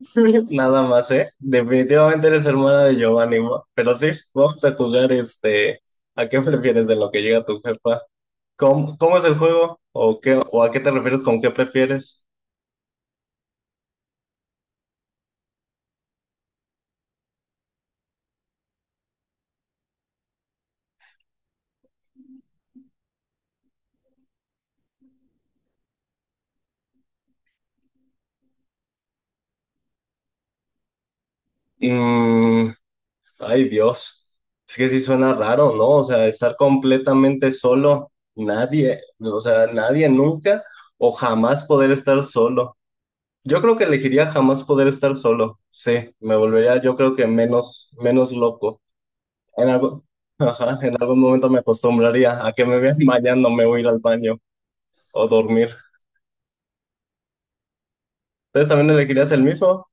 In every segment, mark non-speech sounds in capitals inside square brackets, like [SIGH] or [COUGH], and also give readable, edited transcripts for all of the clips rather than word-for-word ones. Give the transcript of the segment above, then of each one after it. [LAUGHS] Nada más, ¿eh? Definitivamente eres hermana de Giovanni, ¿no? Pero sí, vamos a jugar este. ¿A qué prefieres de lo que llega tu jefa? ¿Cómo es el juego? ¿O qué, o a qué te refieres con qué prefieres? Mm, ay, Dios. Es que sí suena raro, ¿no? O sea, estar completamente solo, nadie, o sea, nadie nunca o jamás poder estar solo. Yo creo que elegiría jamás poder estar solo. Sí, me volvería, yo creo que menos loco. En algo- [LAUGHS] ajá, en algún momento me acostumbraría a que me vean bañando, me voy a ir al baño o dormir. ¿Ustedes también elegirías el mismo?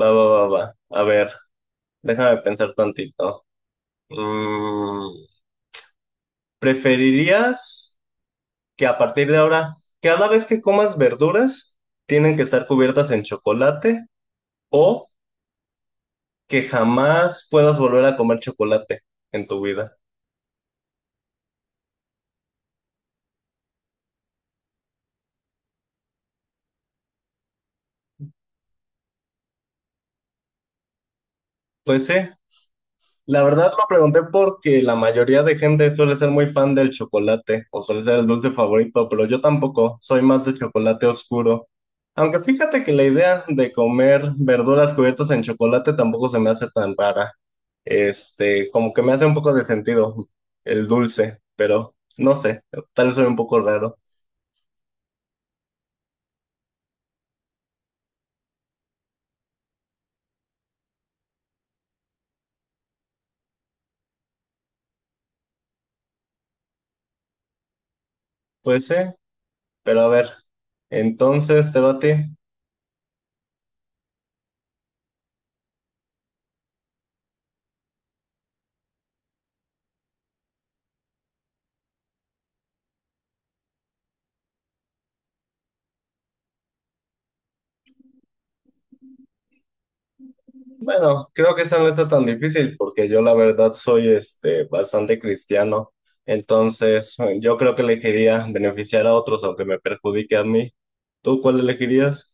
Va, va, va, va. A ver, déjame pensar tantito. Mm, ¿Preferirías que a partir de ahora, cada vez que comas verduras, tienen que estar cubiertas en chocolate o que jamás puedas volver a comer chocolate en tu vida? Pues sí, la verdad lo pregunté porque la mayoría de gente suele ser muy fan del chocolate o suele ser el dulce favorito, pero yo tampoco, soy más de chocolate oscuro. Aunque fíjate que la idea de comer verduras cubiertas en chocolate tampoco se me hace tan rara. Este, como que me hace un poco de sentido el dulce, pero no sé, tal vez soy un poco raro. Pues sí, pero a ver, entonces te va a ti. Bueno, creo que esa no está tan difícil porque yo la verdad soy este bastante cristiano. Entonces, yo creo que elegiría beneficiar a otros aunque me perjudique a mí. ¿Tú cuál elegirías?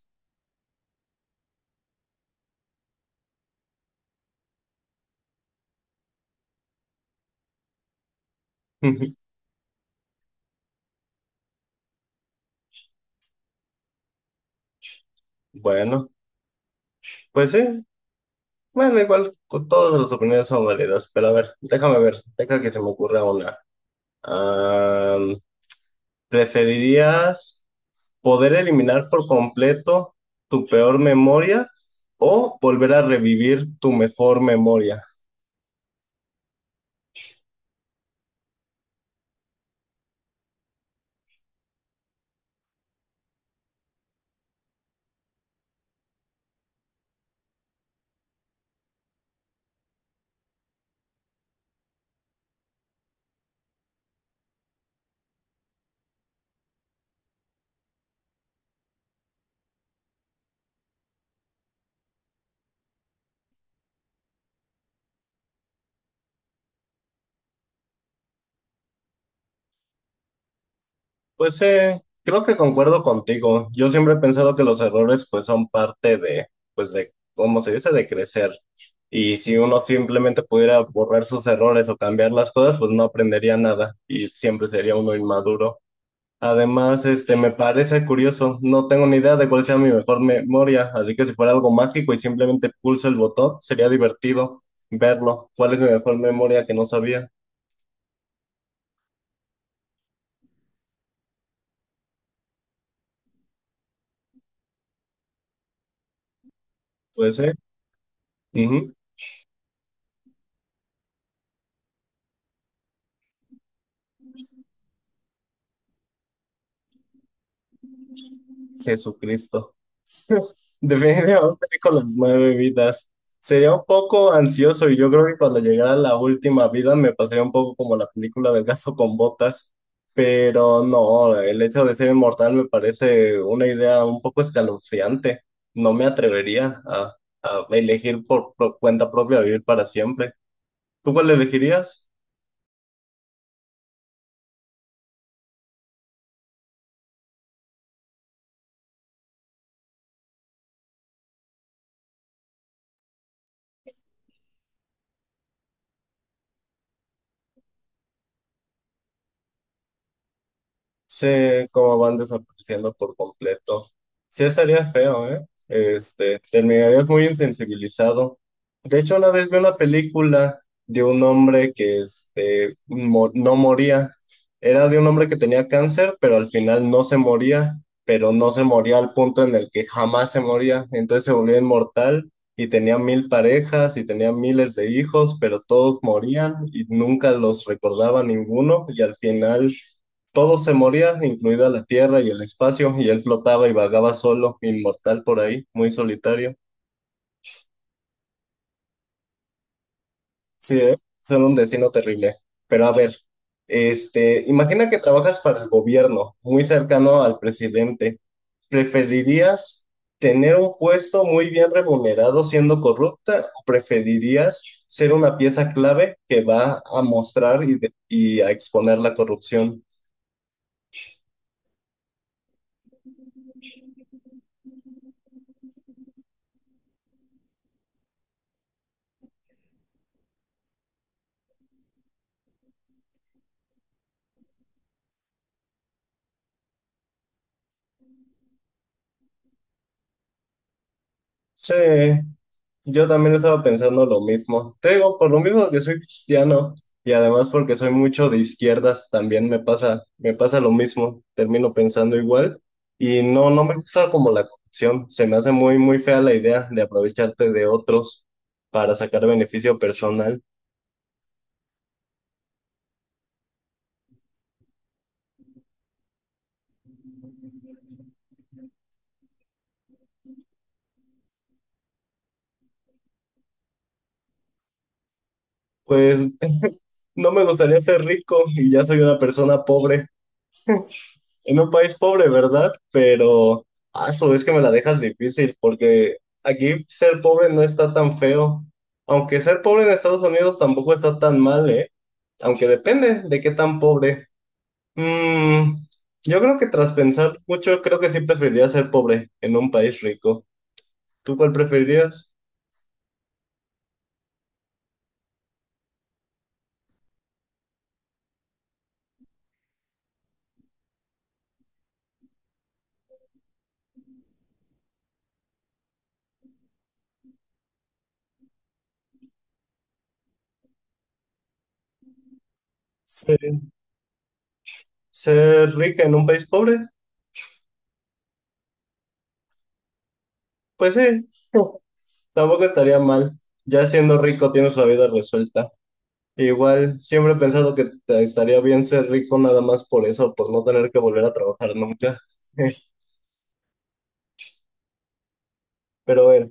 [LAUGHS] Bueno, pues sí. Bueno, igual con todas las opiniones son válidas, pero a ver, déjame que se me ocurra una. Am, ¿Preferirías poder eliminar por completo tu peor memoria o volver a revivir tu mejor memoria? Pues creo que concuerdo contigo. Yo siempre he pensado que los errores pues son parte de, pues de, ¿cómo se dice? De crecer. Y si uno simplemente pudiera borrar sus errores o cambiar las cosas, pues no aprendería nada y siempre sería uno inmaduro. Además, este, me parece curioso, no tengo ni idea de cuál sea mi mejor memoria, así que si fuera algo mágico y simplemente pulso el botón, sería divertido verlo. ¿Cuál es mi mejor memoria que no sabía? Pues, ujú. Jesucristo. Definitivamente con las nueve vidas. Sería un poco ansioso y yo creo que cuando llegara la última vida me pasaría un poco como la película del gato con botas, pero no, el hecho de ser inmortal me parece una idea un poco escalofriante. No me atrevería a elegir por cuenta propia vivir para siempre. ¿Tú cuál elegirías? Sé cómo van desapareciendo por completo. Sí, estaría feo, ¿eh? Este, terminarías muy insensibilizado. De hecho, una vez vi una película de un hombre que este, no moría. Era de un hombre que tenía cáncer, pero al final no se moría, pero no se moría al punto en el que jamás se moría. Entonces se volvió inmortal y tenía mil parejas y tenía miles de hijos, pero todos morían y nunca los recordaba ninguno y al final... todo se moría, incluida la tierra y el espacio, y él flotaba y vagaba solo, inmortal por ahí, muy solitario. Sí, ¿eh? Era un destino terrible. Pero a ver, este, imagina que trabajas para el gobierno, muy cercano al presidente. ¿Preferirías tener un puesto muy bien remunerado siendo corrupta o preferirías ser una pieza clave que va a mostrar y a exponer la corrupción? Sí. Yo también estaba pensando lo mismo. Te digo, por lo mismo que soy cristiano y además porque soy mucho de izquierdas, también me pasa lo mismo. Termino pensando igual y no, no me gusta como la corrupción. Se me hace muy, muy fea la idea de aprovecharte de otros para sacar beneficio personal. Pues [LAUGHS] no me gustaría ser rico y ya soy una persona pobre. En un país pobre, ¿verdad? Pero, a su vez que me la dejas difícil, porque aquí ser pobre no está tan feo. Aunque ser pobre en Estados Unidos tampoco está tan mal, ¿eh? Aunque depende de qué tan pobre. Mm, yo creo que tras pensar mucho, creo que sí preferiría ser pobre en un país rico. ¿Tú cuál preferirías? ¿Ser, ¿ser rica en un país pobre? Pues sí, [LAUGHS] tampoco estaría mal. Ya siendo rico tienes la vida resuelta. Igual, siempre he pensado que estaría bien ser rico nada más por eso, por no tener que volver a trabajar nunca. [LAUGHS] Pero a ver,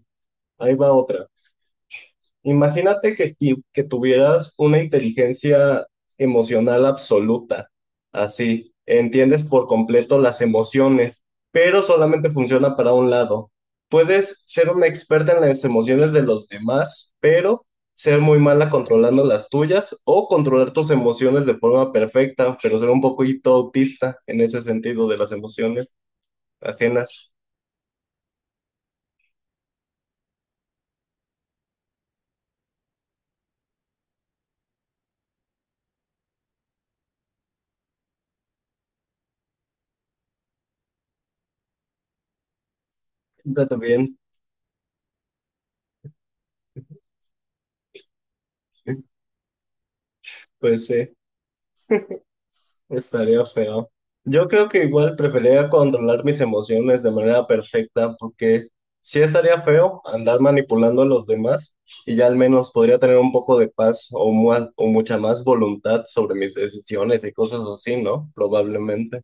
ahí va otra. Imagínate que tuvieras una inteligencia emocional absoluta, así, entiendes por completo las emociones, pero solamente funciona para un lado. Puedes ser una experta en las emociones de los demás, pero ser muy mala controlando las tuyas o controlar tus emociones de forma perfecta, pero ser un poquito autista en ese sentido de las emociones ajenas. Está bien, pues sí. Estaría feo. Yo creo que igual preferiría controlar mis emociones de manera perfecta, porque sí estaría feo andar manipulando a los demás y ya al menos podría tener un poco de paz o mucha más voluntad sobre mis decisiones y cosas así, ¿no? Probablemente.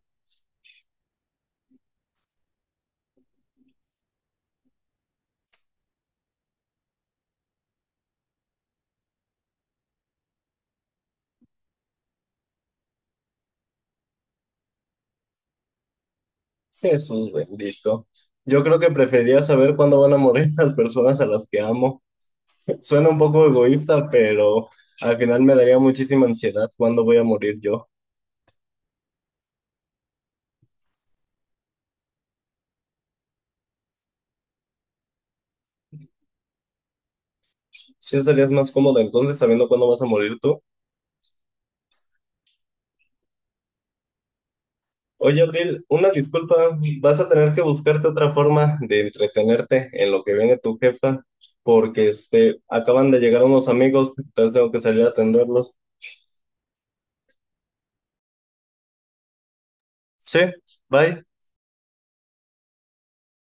Jesús bendito. Yo creo que preferiría saber cuándo van a morir [LAUGHS] las personas a las que amo. [LAUGHS] Suena un poco egoísta, pero al final me daría muchísima ansiedad cuándo voy a morir yo. Sí estarías más cómodo entonces sabiendo cuándo vas a morir tú. Oye, Abril, una disculpa, vas a tener que buscarte otra forma de entretenerte en lo que viene tu jefa, porque este, acaban de llegar unos amigos, entonces tengo que salir a atenderlos. Sí, bye.